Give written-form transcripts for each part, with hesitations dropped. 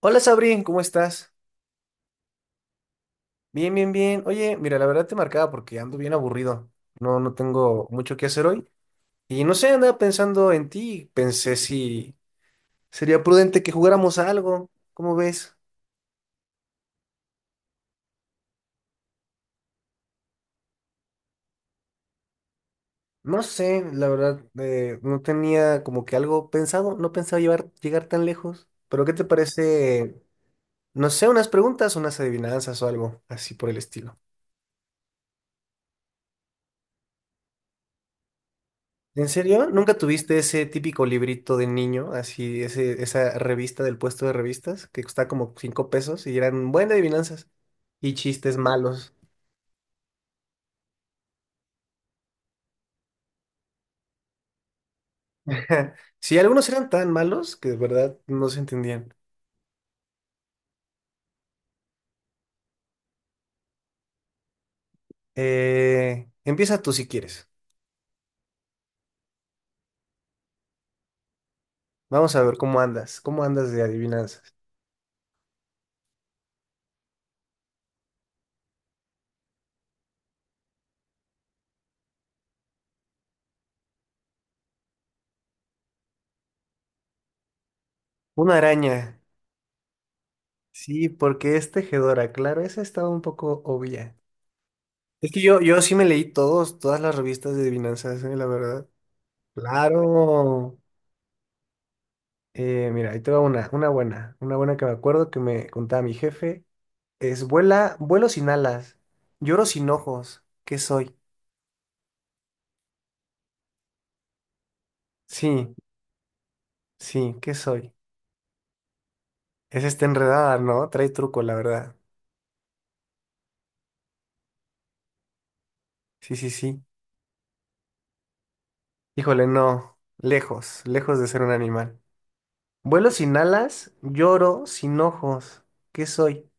Hola Sabri, ¿cómo estás? Bien. Oye, mira, la verdad te marcaba porque ando bien aburrido. No tengo mucho que hacer hoy. Y no sé, andaba pensando en ti. Pensé si sería prudente que jugáramos a algo. ¿Cómo ves? No sé, la verdad, no tenía como que algo pensado. No pensaba llegar tan lejos. Pero ¿qué te parece? No sé, unas preguntas, unas adivinanzas o algo así por el estilo. ¿En serio? ¿Nunca tuviste ese típico librito de niño, así, esa revista del puesto de revistas, que costaba como cinco pesos y eran buenas adivinanzas y chistes malos? Sí, algunos eran tan malos que de verdad no se entendían. Empieza tú si quieres. Vamos a ver cómo andas de adivinanzas. Una araña. Sí, porque es tejedora, claro, esa estaba un poco obvia. Es que yo sí me leí todas las revistas de adivinanzas, la verdad. Claro. Mira, ahí te va una buena que me acuerdo que me contaba mi jefe. Es vuelo sin alas, lloro sin ojos. ¿Qué soy? Sí, sí, ¿qué soy? Es esta enredada, ¿no? Trae truco, la verdad. Sí, sí, sí. Híjole, no. Lejos, lejos de ser un animal. Vuelo sin alas, lloro sin ojos. ¿Qué soy?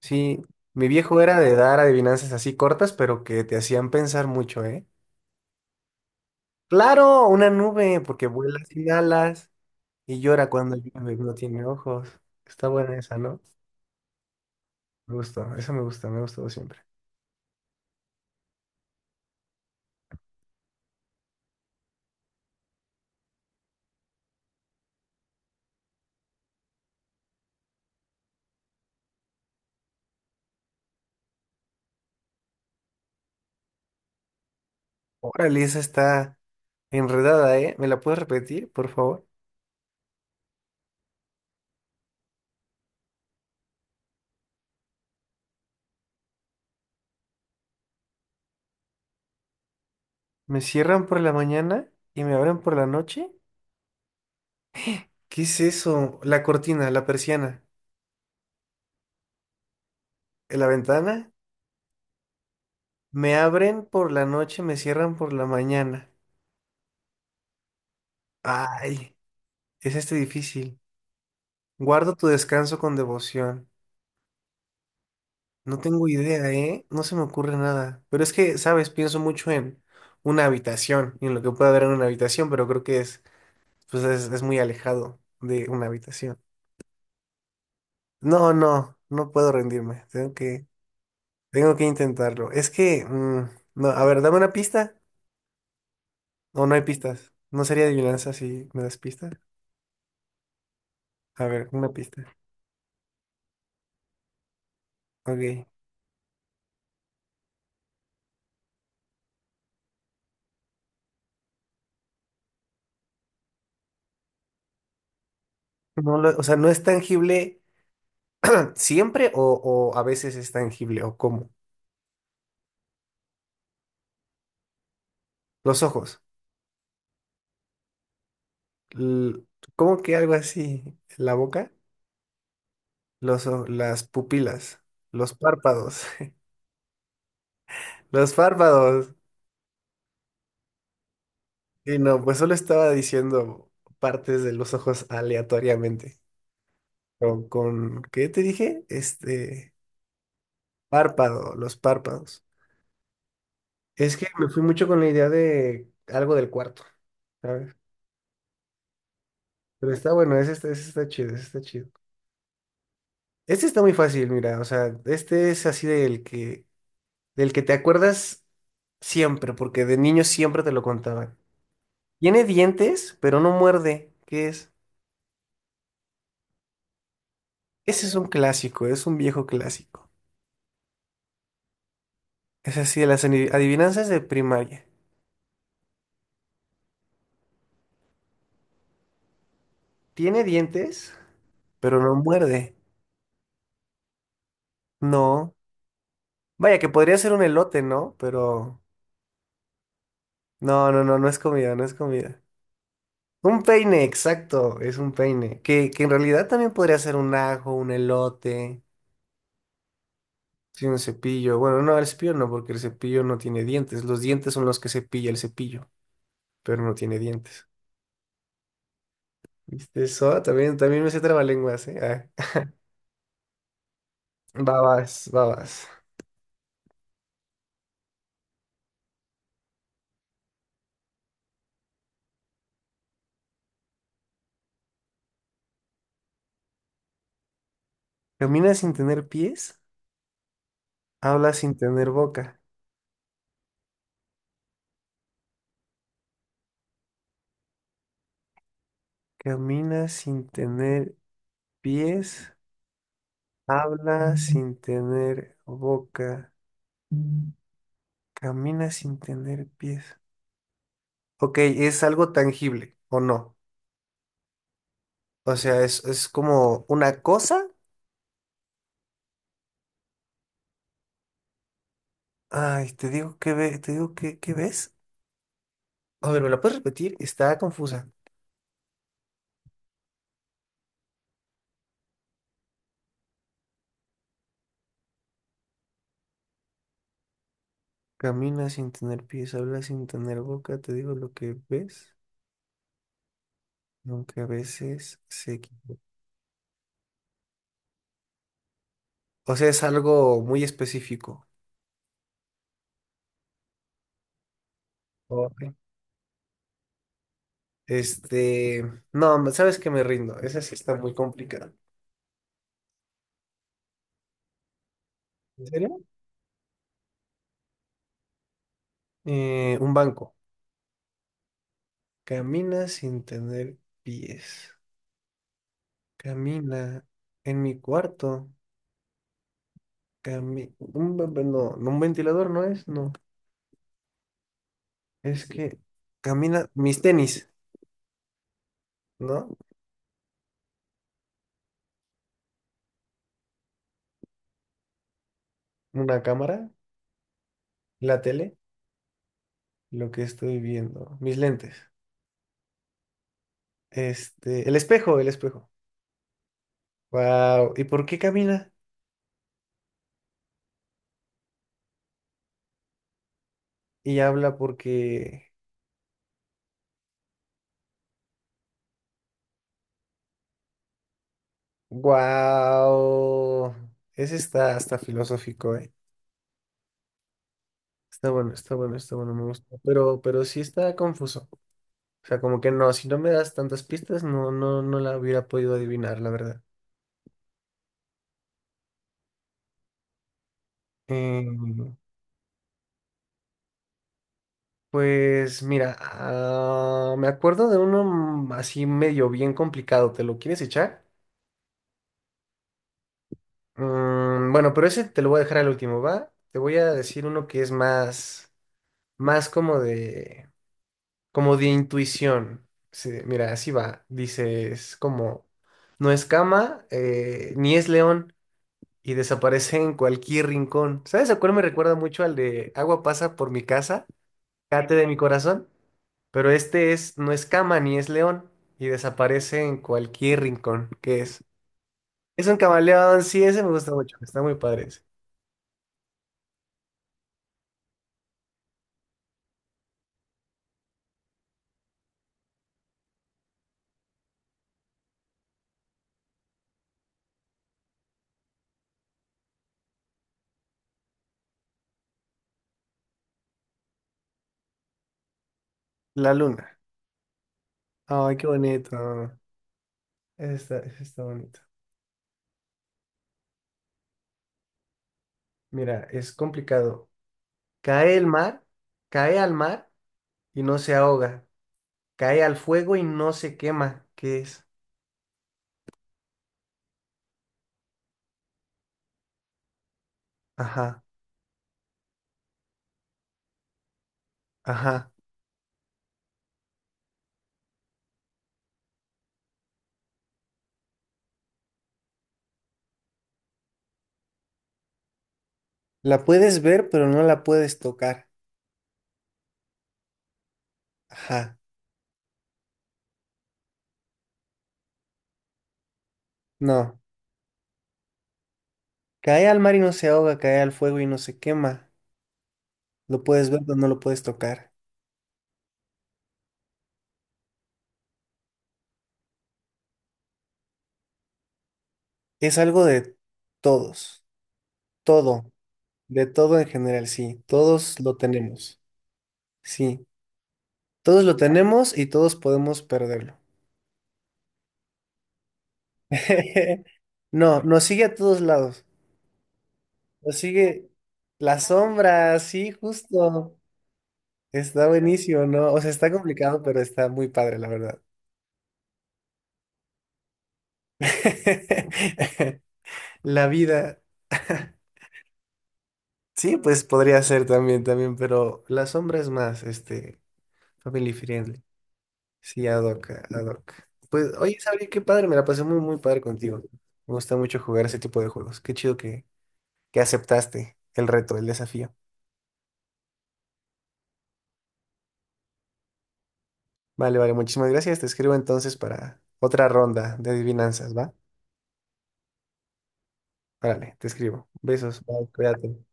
Sí, mi viejo era de dar adivinanzas así cortas, pero que te hacían pensar mucho, ¿eh? Claro, una nube, porque vuela sin alas. Y llora cuando llueve, no tiene ojos. Está buena esa, ¿no? Me gustó, esa me gusta, me ha gustado siempre. Órale, esa está enredada, ¿eh? ¿Me la puedes repetir, por favor? ¿Me cierran por la mañana y me abren por la noche? ¿Qué es eso? La cortina, la persiana, ¿en la ventana? Me abren por la noche, me cierran por la mañana. Ay, es este difícil. Guardo tu descanso con devoción. No tengo idea, ¿eh? No se me ocurre nada. Pero es que, ¿sabes? Pienso mucho en una habitación y en lo que puede haber en una habitación, pero creo que pues es muy alejado de una habitación. No, no, no puedo rendirme. Tengo que intentarlo. Es que, no, a ver, dame una pista. O no hay pistas. No sería adivinanza si me das pistas. A ver, una pista. Ok. O sea, ¿no es tangible siempre o a veces es tangible? ¿O cómo? Los ojos. L- ¿Cómo que algo así? ¿La boca? Las pupilas, los párpados, los párpados. Y no, pues solo estaba diciendo partes de los ojos aleatoriamente. ¿Qué te dije? Párpado, los párpados. Es que me fui mucho con la idea de algo del cuarto, ¿sabes? Pero está bueno, ese está chido, ese está chido. Este está muy fácil, mira, o sea, este es así del que te acuerdas siempre, porque de niño siempre te lo contaban. Tiene dientes, pero no muerde. ¿Qué es? Ese es un clásico, es un viejo clásico. Es así de las adivinanzas de primaria. Tiene dientes, pero no muerde. No. Vaya, que podría ser un elote, ¿no? Pero no es comida, no es comida. Un peine, exacto, es un peine. Que en realidad también podría ser un ajo, un elote. Sí, un cepillo. Bueno, no, el cepillo no, porque el cepillo no tiene dientes. Los dientes son los que cepilla el cepillo, pero no tiene dientes. ¿Viste eso? Ah, también, también me sé trabalenguas, ¿eh? Ah. Babas, babas. Caminas sin tener pies, hablas sin tener boca. Caminas sin tener pies, hablas sin tener boca. Camina sin tener pies. Ok, ¿es algo tangible o no? O sea, es como una cosa. Ay, te digo que te digo que, ¿qué ves? A ver, ¿me la puedes repetir? Está confusa. Camina sin tener pies, habla sin tener boca, te digo lo que ves, aunque a veces se equivoca. O sea, es algo muy específico. Ok. Este, no, sabes que me rindo, esa sí está muy complicada. ¿En serio? Un banco. Camina sin tener pies. Camina en mi cuarto. No, no, un ventilador no es, no. Es que camina mis tenis, ¿no? Una cámara, la tele, lo que estoy viendo, mis lentes. Este, el espejo, el espejo. Wow, ¿y por qué camina? Y habla porque wow. Ese está hasta filosófico, ¿eh? Está bueno, está bueno, está bueno, me gusta. Pero sí está confuso. O sea, como que no, si no me das tantas pistas no la hubiera podido adivinar, la verdad. Eh, Pues mira, me acuerdo de uno así medio bien complicado. ¿Te lo quieres echar? Bueno, pero ese te lo voy a dejar al último, ¿va? Te voy a decir uno que es más como como de intuición. Sí, mira, así va. Dices como, no es cama, ni es león, y desaparece en cualquier rincón. ¿Sabes a cuál me recuerda mucho al de agua pasa por mi casa, cate de mi corazón? Pero este es, no es cama ni es león y desaparece en cualquier rincón que es. Es un camaleón, sí, ese me gusta mucho, está muy padre ese. La luna. Ay, qué bonito. Ese está bonito. Mira, es complicado. Cae el mar, cae al mar y no se ahoga. Cae al fuego y no se quema. ¿Qué es? Ajá, ajá. La puedes ver, pero no la puedes tocar. Ajá. No. Cae al mar y no se ahoga, cae al fuego y no se quema. Lo puedes ver, pero no lo puedes tocar. Es algo de todos, todo, de todo en general, sí, todos lo tenemos, sí, todos lo tenemos y todos podemos perderlo. No, nos sigue a todos lados, nos sigue la sombra, sí, justo, está buenísimo, ¿no? O sea, está complicado, pero está muy padre, la verdad. La vida, sí, pues podría ser también, pero la sombra es más, este, family friendly. Sí, ad hoc, ad hoc. Pues, oye, Sabri, qué padre, me la pasé muy padre contigo. Me gusta mucho jugar ese tipo de juegos. Qué chido que aceptaste el reto, el desafío. Vale, vale, muchísimas gracias. Te escribo entonces para otra ronda de adivinanzas, ¿va? Órale, te escribo. Besos, bye, cuídate.